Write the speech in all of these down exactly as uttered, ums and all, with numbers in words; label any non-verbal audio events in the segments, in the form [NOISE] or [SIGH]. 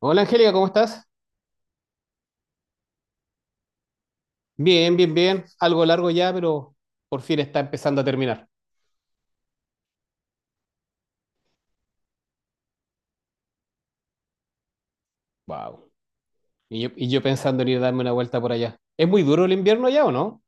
Hola Angélica, ¿cómo estás? Bien, bien, bien. Algo largo ya, pero por fin está empezando a terminar. Wow. Y yo, y yo pensando en ir a darme una vuelta por allá. ¿Es muy duro el invierno ya o no?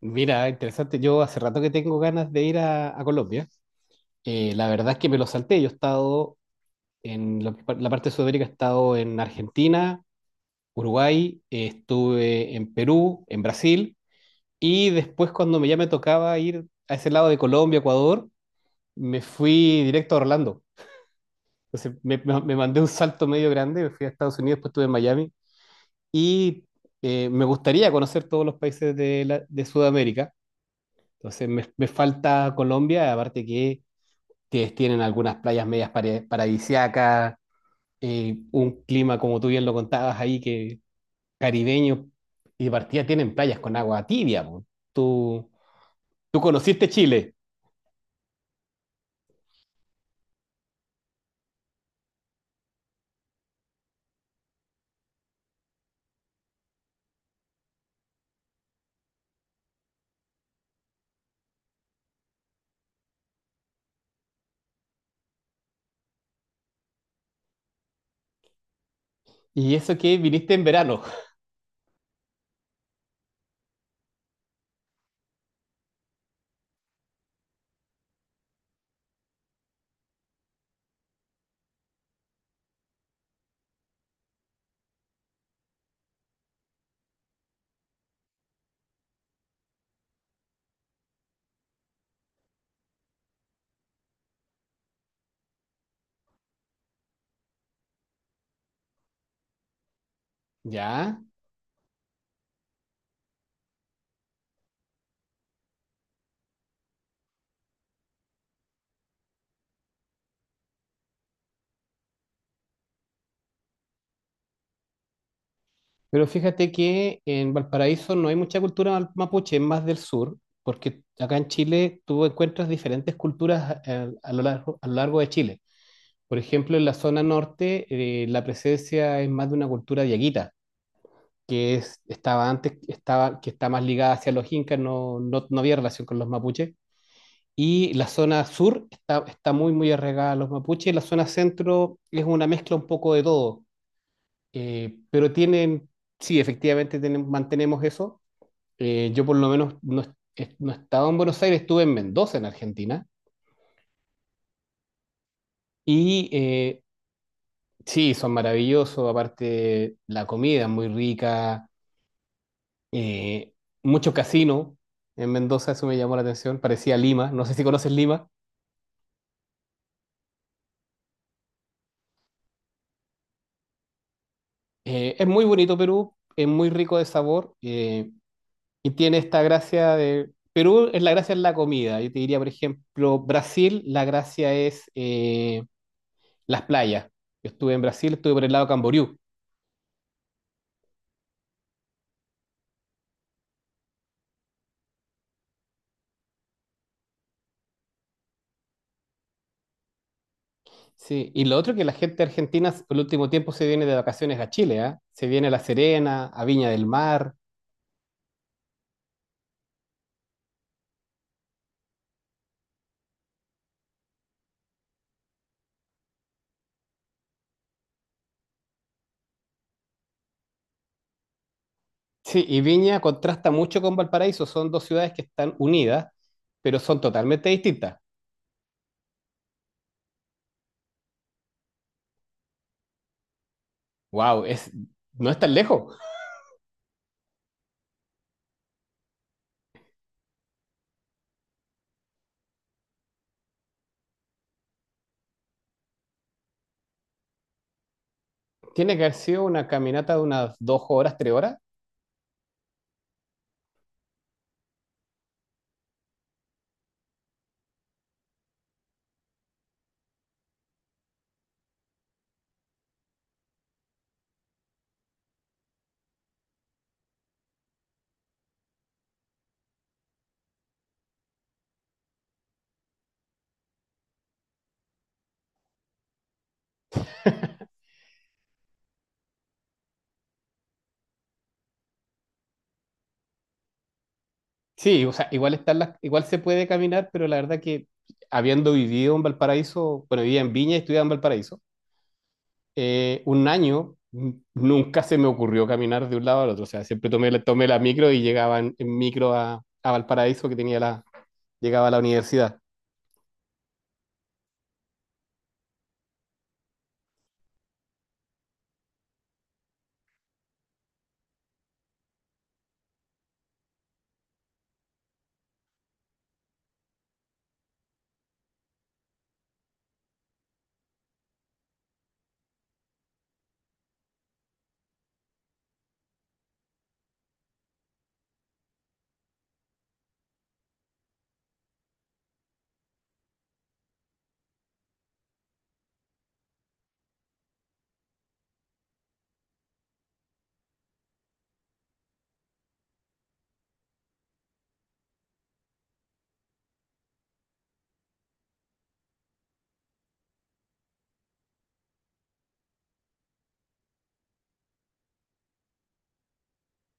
Mira, interesante. Yo hace rato que tengo ganas de ir a, a Colombia. Eh, la verdad es que me lo salté. Yo he estado en lo que par- la parte de Sudamérica. He estado en Argentina, Uruguay, eh, estuve en Perú, en Brasil. Y después, cuando me, ya me tocaba ir a ese lado de Colombia, Ecuador, me fui directo a Orlando. Entonces me, me- me mandé un salto medio grande, fui a Estados Unidos, después estuve en Miami y eh, me gustaría conocer todos los países de, la- de Sudamérica. Entonces me, me falta Colombia, aparte que ustedes tienen algunas playas medias pare- paradisíacas, eh, un clima como tú bien lo contabas ahí, que caribeño, y de partida tienen playas con agua tibia po. Tú, tú conociste Chile y eso que viniste en verano. [LAUGHS] ¿Ya? Pero fíjate que en Valparaíso no hay mucha cultura mal- mapuche, es más del sur, porque acá en Chile tú encuentras diferentes culturas eh, a, lo largo, a lo largo de Chile. Por ejemplo, en la zona norte eh, la presencia es más de una cultura diaguita, que es, estaba antes, estaba, que está más ligada hacia los incas, no, no, no había relación con los mapuches. Y la zona sur está, está muy, muy arraigada a los mapuches, y la zona centro es una mezcla un poco de todo. Eh, pero tienen, sí, efectivamente tenemos- mantenemos eso. Eh, yo por lo menos no, est- no estaba en Buenos Aires, estuve en Mendoza, en Argentina. Y eh, sí, son maravillosos, aparte la comida es muy rica, eh, mucho casino en Mendoza, eso me llamó la atención, parecía Lima, no sé si conoces Lima. Eh, es muy bonito Perú, es muy rico de sabor, eh, y tiene esta gracia de Perú. Es la gracia, es la comida, yo te diría. Por ejemplo, Brasil, la gracia es, eh, las playas. Yo estuve en Brasil, estuve por el lado de Camboriú. Sí, y lo otro que la gente argentina s- el último tiempo se viene de vacaciones a Chile, ¿ah? Se viene a La Serena, a Viña del Mar. Sí, y Viña contrasta mucho con Valparaíso, son dos ciudades que están unidas, pero son totalmente distintas. Wow, es, no es tan lejos. Tiene que haber sido una caminata de unas dos horas, tres horas. Sí, o sea, igual están las, igual se puede caminar, pero la verdad que habiendo vivido en Valparaíso, bueno, vivía en Viña y estudiaba en Valparaíso, eh, un año nunca se me ocurrió caminar de un lado al otro. O sea, siempre tomé, la- tomé la micro y llegaba en, en micro a, a Valparaíso, que tenía la, llegaba a la universidad.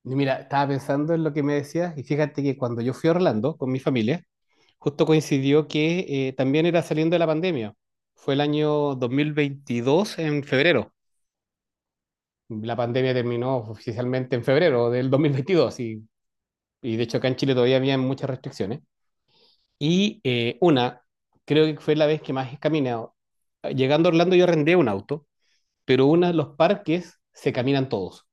Y mira, estaba pensando en lo que me decías y fíjate que cuando yo fui a Orlando con mi familia, justo coincidió que, eh, también era saliendo de la pandemia. Fue el año dos mil veintidós en febrero. La pandemia terminó oficialmente en febrero del dos mil veintidós, y, y de hecho acá en Chile todavía había muchas restricciones. Y eh, una, creo que fue la vez que más he caminado. Ah, llegando a Orlando yo arrendé un auto, pero una, los parques se caminan todos.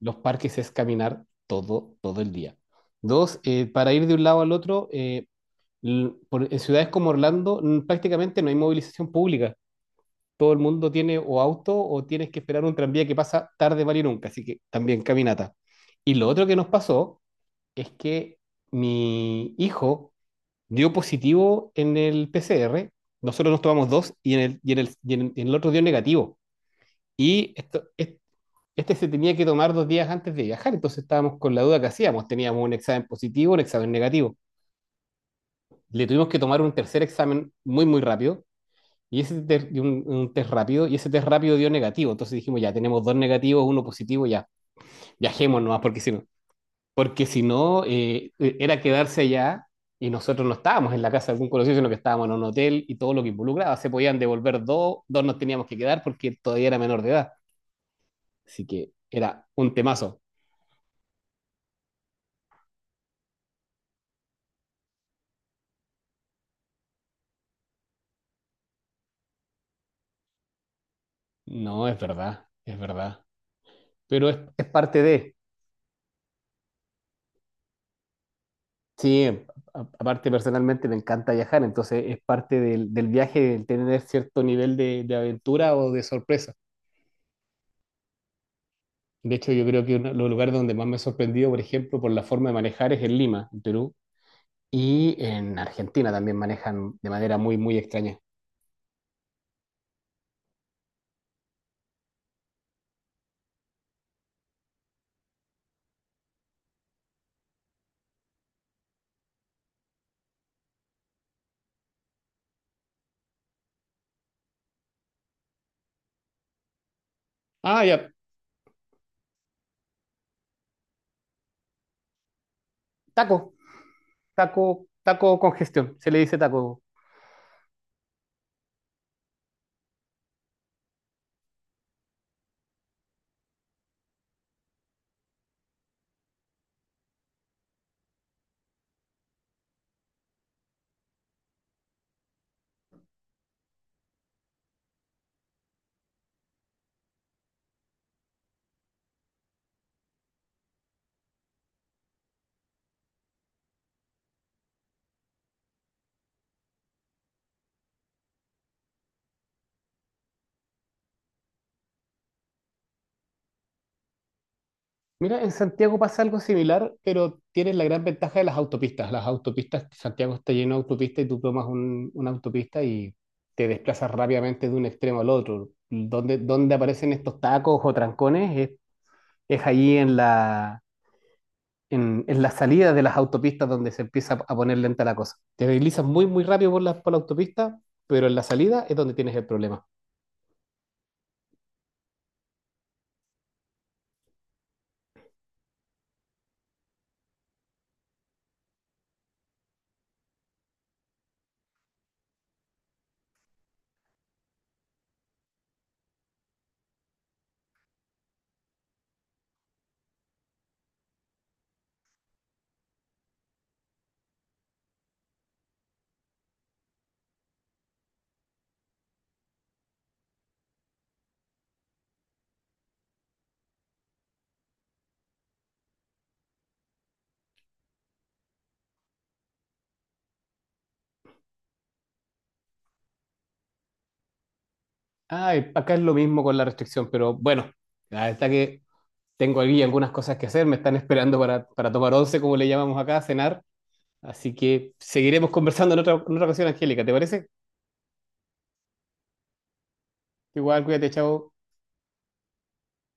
Los parques es caminar todo, todo el día. Dos, eh, para ir de un lado al otro, eh, l- por- en ciudades como Orlando mm, prácticamente no hay movilización pública. Todo el mundo tiene o auto o tienes que esperar un tranvía que pasa tarde, vale y nunca. Así que también caminata. Y lo otro que nos pasó es que mi hijo dio positivo en el P C R. Nosotros nos tomamos dos y en el, y en el, y en- en el otro dio negativo. Y esto, es- este se tenía que tomar dos días antes de viajar, entonces estábamos con la duda que hacíamos. Teníamos un examen positivo, un examen negativo. Le tuvimos que tomar un tercer examen muy, muy rápido, y ese ter- y un, un test rápido, y ese test rápido dio negativo. Entonces dijimos, ya tenemos dos negativos, uno positivo, ya viajemos nomás, porque si no, porque si no, eh, eh, era quedarse allá, y nosotros no estábamos en la casa de algún conocido, sino que estábamos en un hotel y todo lo que involucraba. Se podían devolver dos, dos nos teníamos que quedar porque todavía era menor de edad. Así que era un temazo. No, es verdad, es verdad. Pero es, es parte de, sí, a- aparte personalmente me encanta viajar, entonces es parte del, del viaje el tener cierto nivel de, de aventura o de sorpresa. De hecho, yo creo que uno de los lugares donde más me he sorprendido, por ejemplo, por la forma de manejar es en Lima, en Perú. Y en Argentina también manejan de manera muy, muy extraña. Ah, ya. Taco, taco, taco congestión, se le dice taco. Mira, en Santiago pasa algo similar, pero tienes la gran ventaja de las autopistas. Las autopistas, Santiago está lleno de autopistas y tú tomas un- una autopista y te desplazas rápidamente de un extremo al otro. Donde, donde aparecen estos tacos o trancones es, es ahí en la, en, en la salida de las autopistas donde se empieza a poner lenta la cosa. Te deslizas muy, muy rápido por la, por la autopista, pero en la salida es donde tienes el problema. Ah, y acá es lo mismo con la restricción, pero bueno, la verdad que tengo aquí algunas cosas que hacer, me están esperando para, para tomar once, como le llamamos acá, a cenar, así que seguiremos conversando en otra, en otra ocasión, Angélica, ¿te parece? Igual, cuídate, chao.